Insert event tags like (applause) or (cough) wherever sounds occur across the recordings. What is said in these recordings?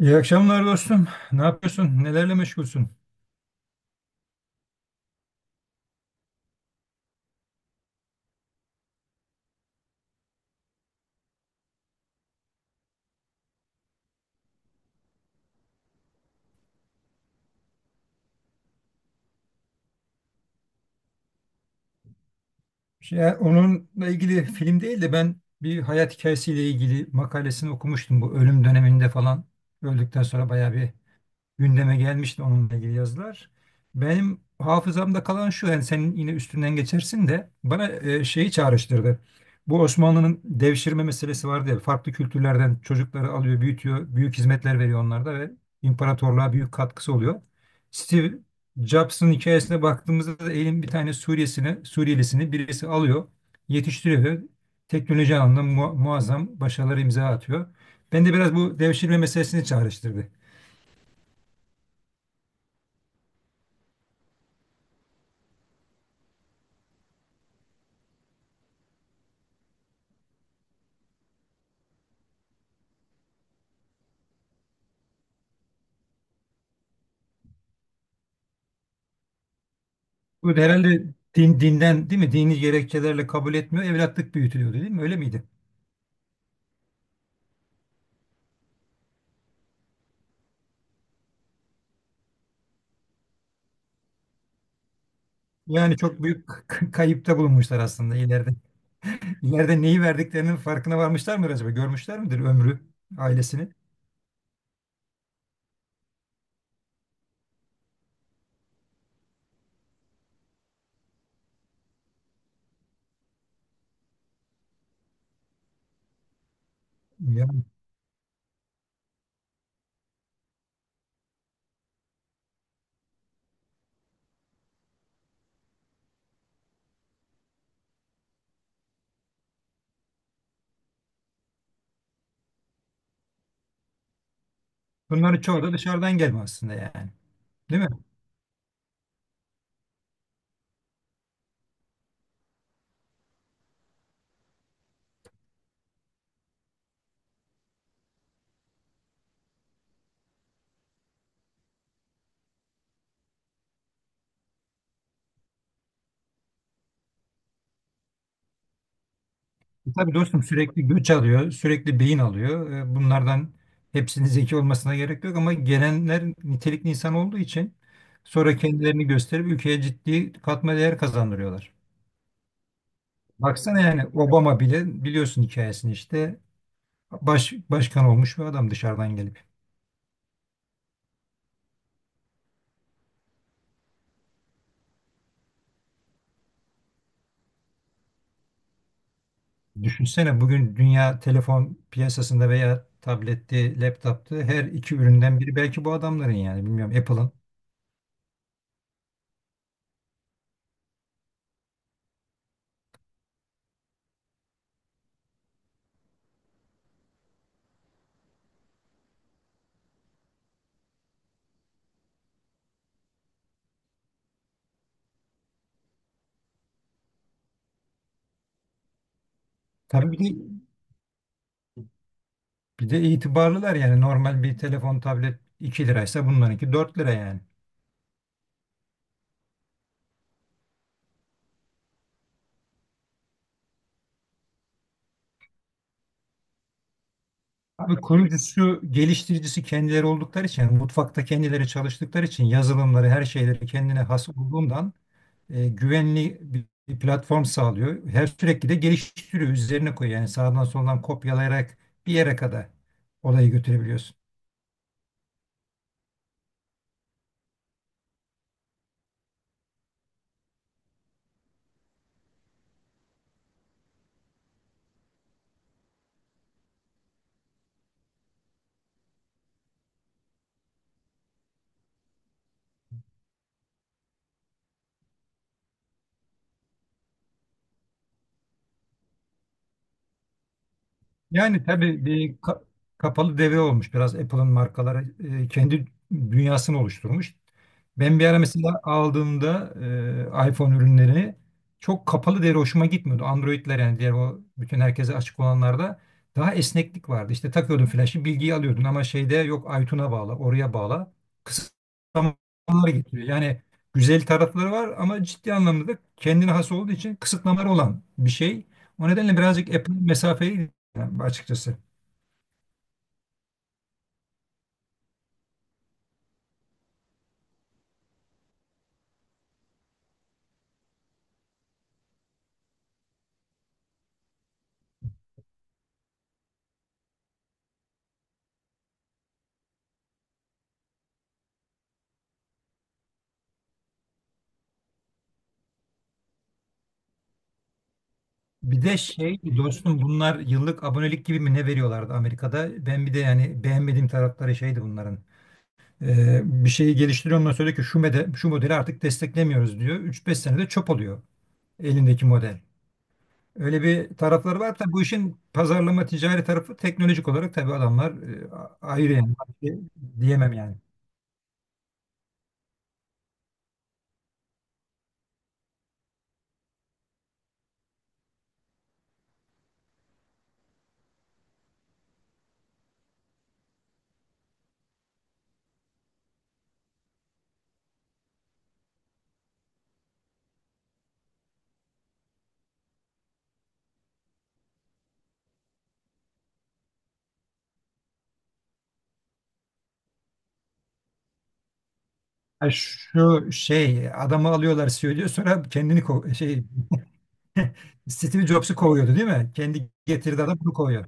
İyi akşamlar dostum. Ne yapıyorsun? Nelerle meşgulsün? Onunla ilgili film değil de ben bir hayat hikayesiyle ilgili makalesini okumuştum bu ölüm döneminde falan. Öldükten sonra bayağı bir gündeme gelmişti onunla ilgili yazılar. Benim hafızamda kalan şu yani senin yine üstünden geçersin de bana şeyi çağrıştırdı. Bu Osmanlı'nın devşirme meselesi vardı ya, farklı kültürlerden çocukları alıyor, büyütüyor, büyük hizmetler veriyor onlarda ve imparatorluğa büyük katkısı oluyor. Steve Jobs'ın hikayesine baktığımızda da elin bir tane Suriyesini, Suriyelisini birisi alıyor, yetiştiriyor ve teknoloji alanında muazzam başarıları imza atıyor. Ben de biraz bu devşirme meselesini çağrıştırdı. Böyle herhalde dinden değil mi? Dini gerekçelerle kabul etmiyor. Evlatlık büyütülüyordu değil mi? Öyle miydi? Yani çok büyük kayıpta bulunmuşlar aslında ileride. (laughs) İleride neyi verdiklerinin farkına varmışlar mıdır acaba? Görmüşler midir ömrü, ailesini? Yani bunların çoğu da dışarıdan gelme aslında yani. Değil mi? E tabii dostum, sürekli göç alıyor, sürekli beyin alıyor. Bunlardan hepsinin zeki olmasına gerek yok ama gelenler nitelikli insan olduğu için sonra kendilerini gösterip ülkeye ciddi katma değer kazandırıyorlar. Baksana yani Obama bile biliyorsun hikayesini, işte başkan olmuş bir adam dışarıdan gelip. Düşünsene bugün dünya telefon piyasasında veya tabletti, laptoptu, her iki üründen biri belki bu adamların yani bilmiyorum Apple'ın. Tabii bir de itibarlılar yani normal bir telefon tablet 2 liraysa bunlarınki 4 lira yani. Abi kurucusu, geliştiricisi kendileri oldukları için, mutfakta kendileri çalıştıkları için yazılımları, her şeyleri kendine has olduğundan güvenli bir platform sağlıyor. Her sürekli de geliştiriyor, üzerine koyuyor. Yani sağdan soldan kopyalayarak bir yere kadar olayı götürebiliyorsun. Yani tabii bir kapalı devre olmuş biraz, Apple'ın markaları kendi dünyasını oluşturmuş. Ben bir ara mesela aldığımda iPhone ürünlerini, çok kapalı devre, hoşuma gitmiyordu. Android'ler yani diğer o bütün herkese açık olanlarda daha esneklik vardı. İşte takıyordun flaşı, bilgiyi alıyordun ama şeyde yok, iTunes'a bağla, oraya bağla, kısıtlamalar getiriyor. Yani güzel tarafları var ama ciddi anlamda da kendine has olduğu için kısıtlamalar olan bir şey. O nedenle birazcık Apple mesafeli yani açıkçası. Bir de şey dostum, bunlar yıllık abonelik gibi mi ne veriyorlardı Amerika'da? Ben bir de yani beğenmediğim tarafları şeydi bunların. Bir şeyi geliştiriyor, ondan sonra diyor ki şu, şu modeli artık desteklemiyoruz diyor. Üç beş senede çöp oluyor elindeki model. Öyle bir tarafları var. Tabii bu işin pazarlama ticari tarafı, teknolojik olarak tabii adamlar ayrı yani. Başka diyemem yani. Ha, şu şey adamı alıyorlar, söylüyor sonra kendini Steve Jobs'u kovuyordu değil mi? Kendi getirdi adam, bunu kovuyor.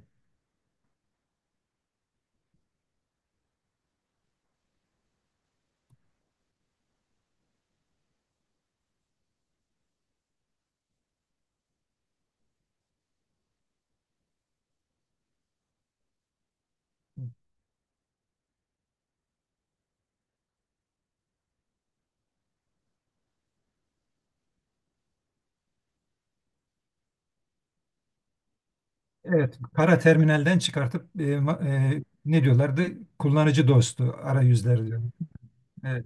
Evet, para terminalden çıkartıp ne diyorlardı? Kullanıcı dostu arayüzler diyor. Evet.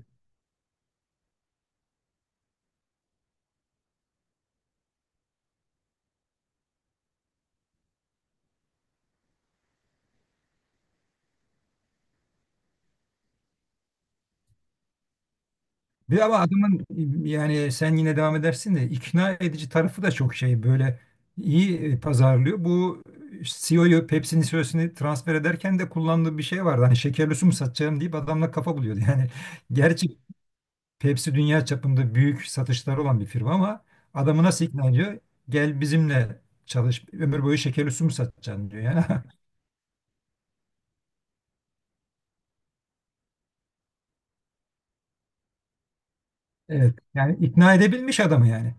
Bir ama adamın yani, sen yine devam edersin de, ikna edici tarafı da çok şey böyle iyi, pazarlıyor. Bu CEO'yu, Pepsi'nin CEO'sunu transfer ederken de kullandığı bir şey vardı. Hani şekerli su mu satacağım deyip adamla kafa buluyordu. (laughs) Yani gerçi Pepsi dünya çapında büyük satışları olan bir firma ama adamı nasıl ikna ediyor? Gel bizimle çalış, ömür boyu şekerli su mu satacaksın diyor yani. (laughs) Evet. Yani ikna edebilmiş adamı yani.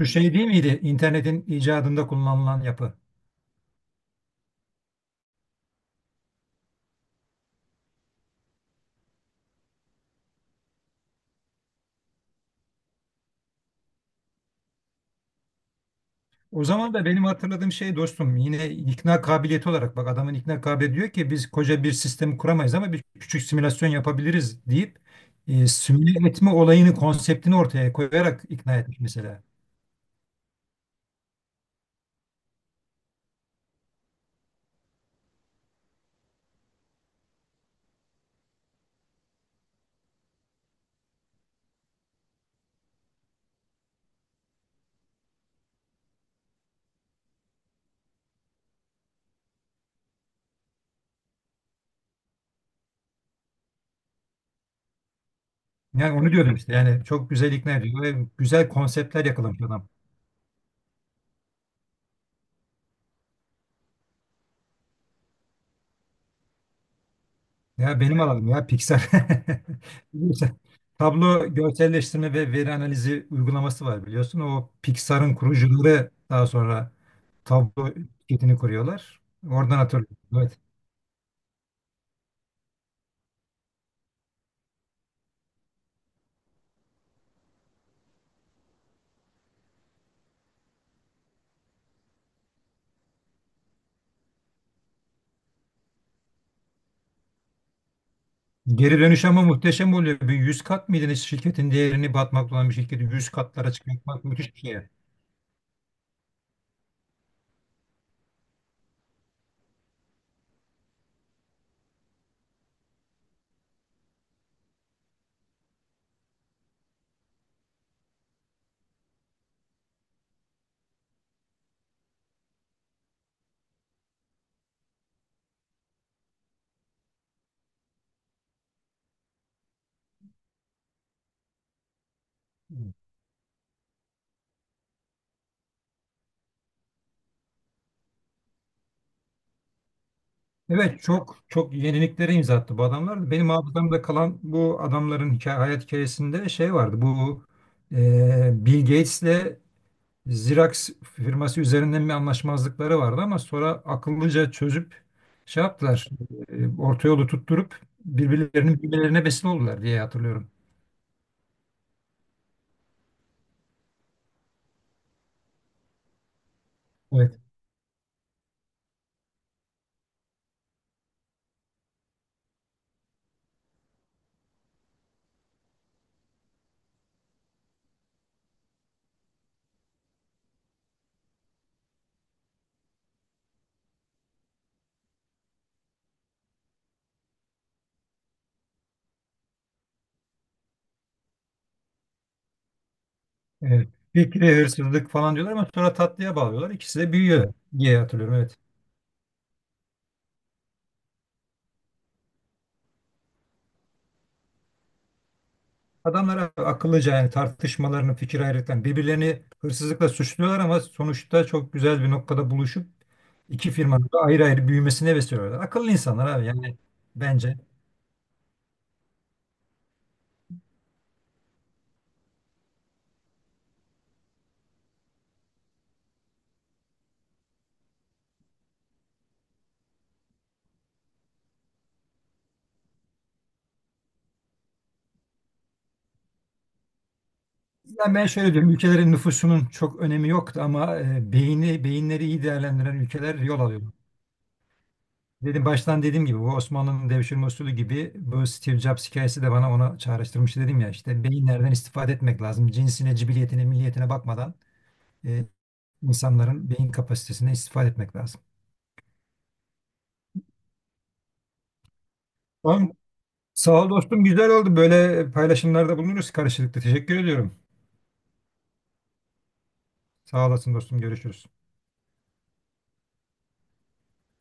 Şu şey değil miydi? İnternetin icadında kullanılan yapı. O zaman da benim hatırladığım şey dostum, yine ikna kabiliyeti olarak bak adamın ikna kabiliyeti, diyor ki biz koca bir sistemi kuramayız ama bir küçük simülasyon yapabiliriz deyip simüle etme olayını, konseptini ortaya koyarak ikna etmiş mesela. Yani onu diyordum işte, yani çok güzel ikna ediyor ve güzel konseptler yakalamış adam. Ya benim alanım ya Pixar. (laughs) Biliyorsun, Tablo görselleştirme ve veri analizi uygulaması var biliyorsun. O Pixar'ın kurucuları daha sonra Tablo şirketini kuruyorlar. Oradan hatırlıyorum. Evet. Geri dönüş ama muhteşem oluyor. Bir 100 kat mıydı ne, şirketin değerini, batmakta olan bir şirketi 100 katlara çıkartmak müthiş bir şey. Evet, çok çok yeniliklere imza attı bu adamlar. Benim hafızamda kalan bu adamların hayat hikayesinde şey vardı. Bill Gates'le Xerox firması üzerinden bir anlaşmazlıkları vardı ama sonra akıllıca çözüp şey yaptılar. E, orta yolu tutturup birbirlerine besin oldular diye hatırlıyorum. Evet. Evet. Fikri hırsızlık falan diyorlar ama sonra tatlıya bağlıyorlar. İkisi de büyüyor diye hatırlıyorum. Evet. Adamlar akıllıca yani, tartışmalarını, fikir ayrılıklarını, birbirlerini hırsızlıkla suçluyorlar ama sonuçta çok güzel bir noktada buluşup iki firmanın da ayrı ayrı büyümesine vesile oluyorlar. Akıllı insanlar abi yani bence. Ya ben şöyle diyorum, ülkelerin nüfusunun çok önemi yoktu ama beyinleri iyi değerlendiren ülkeler yol alıyor. Dedim baştan dediğim gibi, bu Osmanlı'nın devşirme usulü gibi bu Steve Jobs hikayesi de bana ona çağrıştırmıştı, dedim ya, işte beyinlerden istifade etmek lazım. Cinsine, cibiliyetine, milliyetine bakmadan e, insanların beyin kapasitesine istifade etmek lazım. Tamam. Sağ ol dostum, güzel oldu. Böyle paylaşımlarda bulunuruz karşılıklı. Teşekkür ediyorum. Sağ olasın dostum, görüşürüz.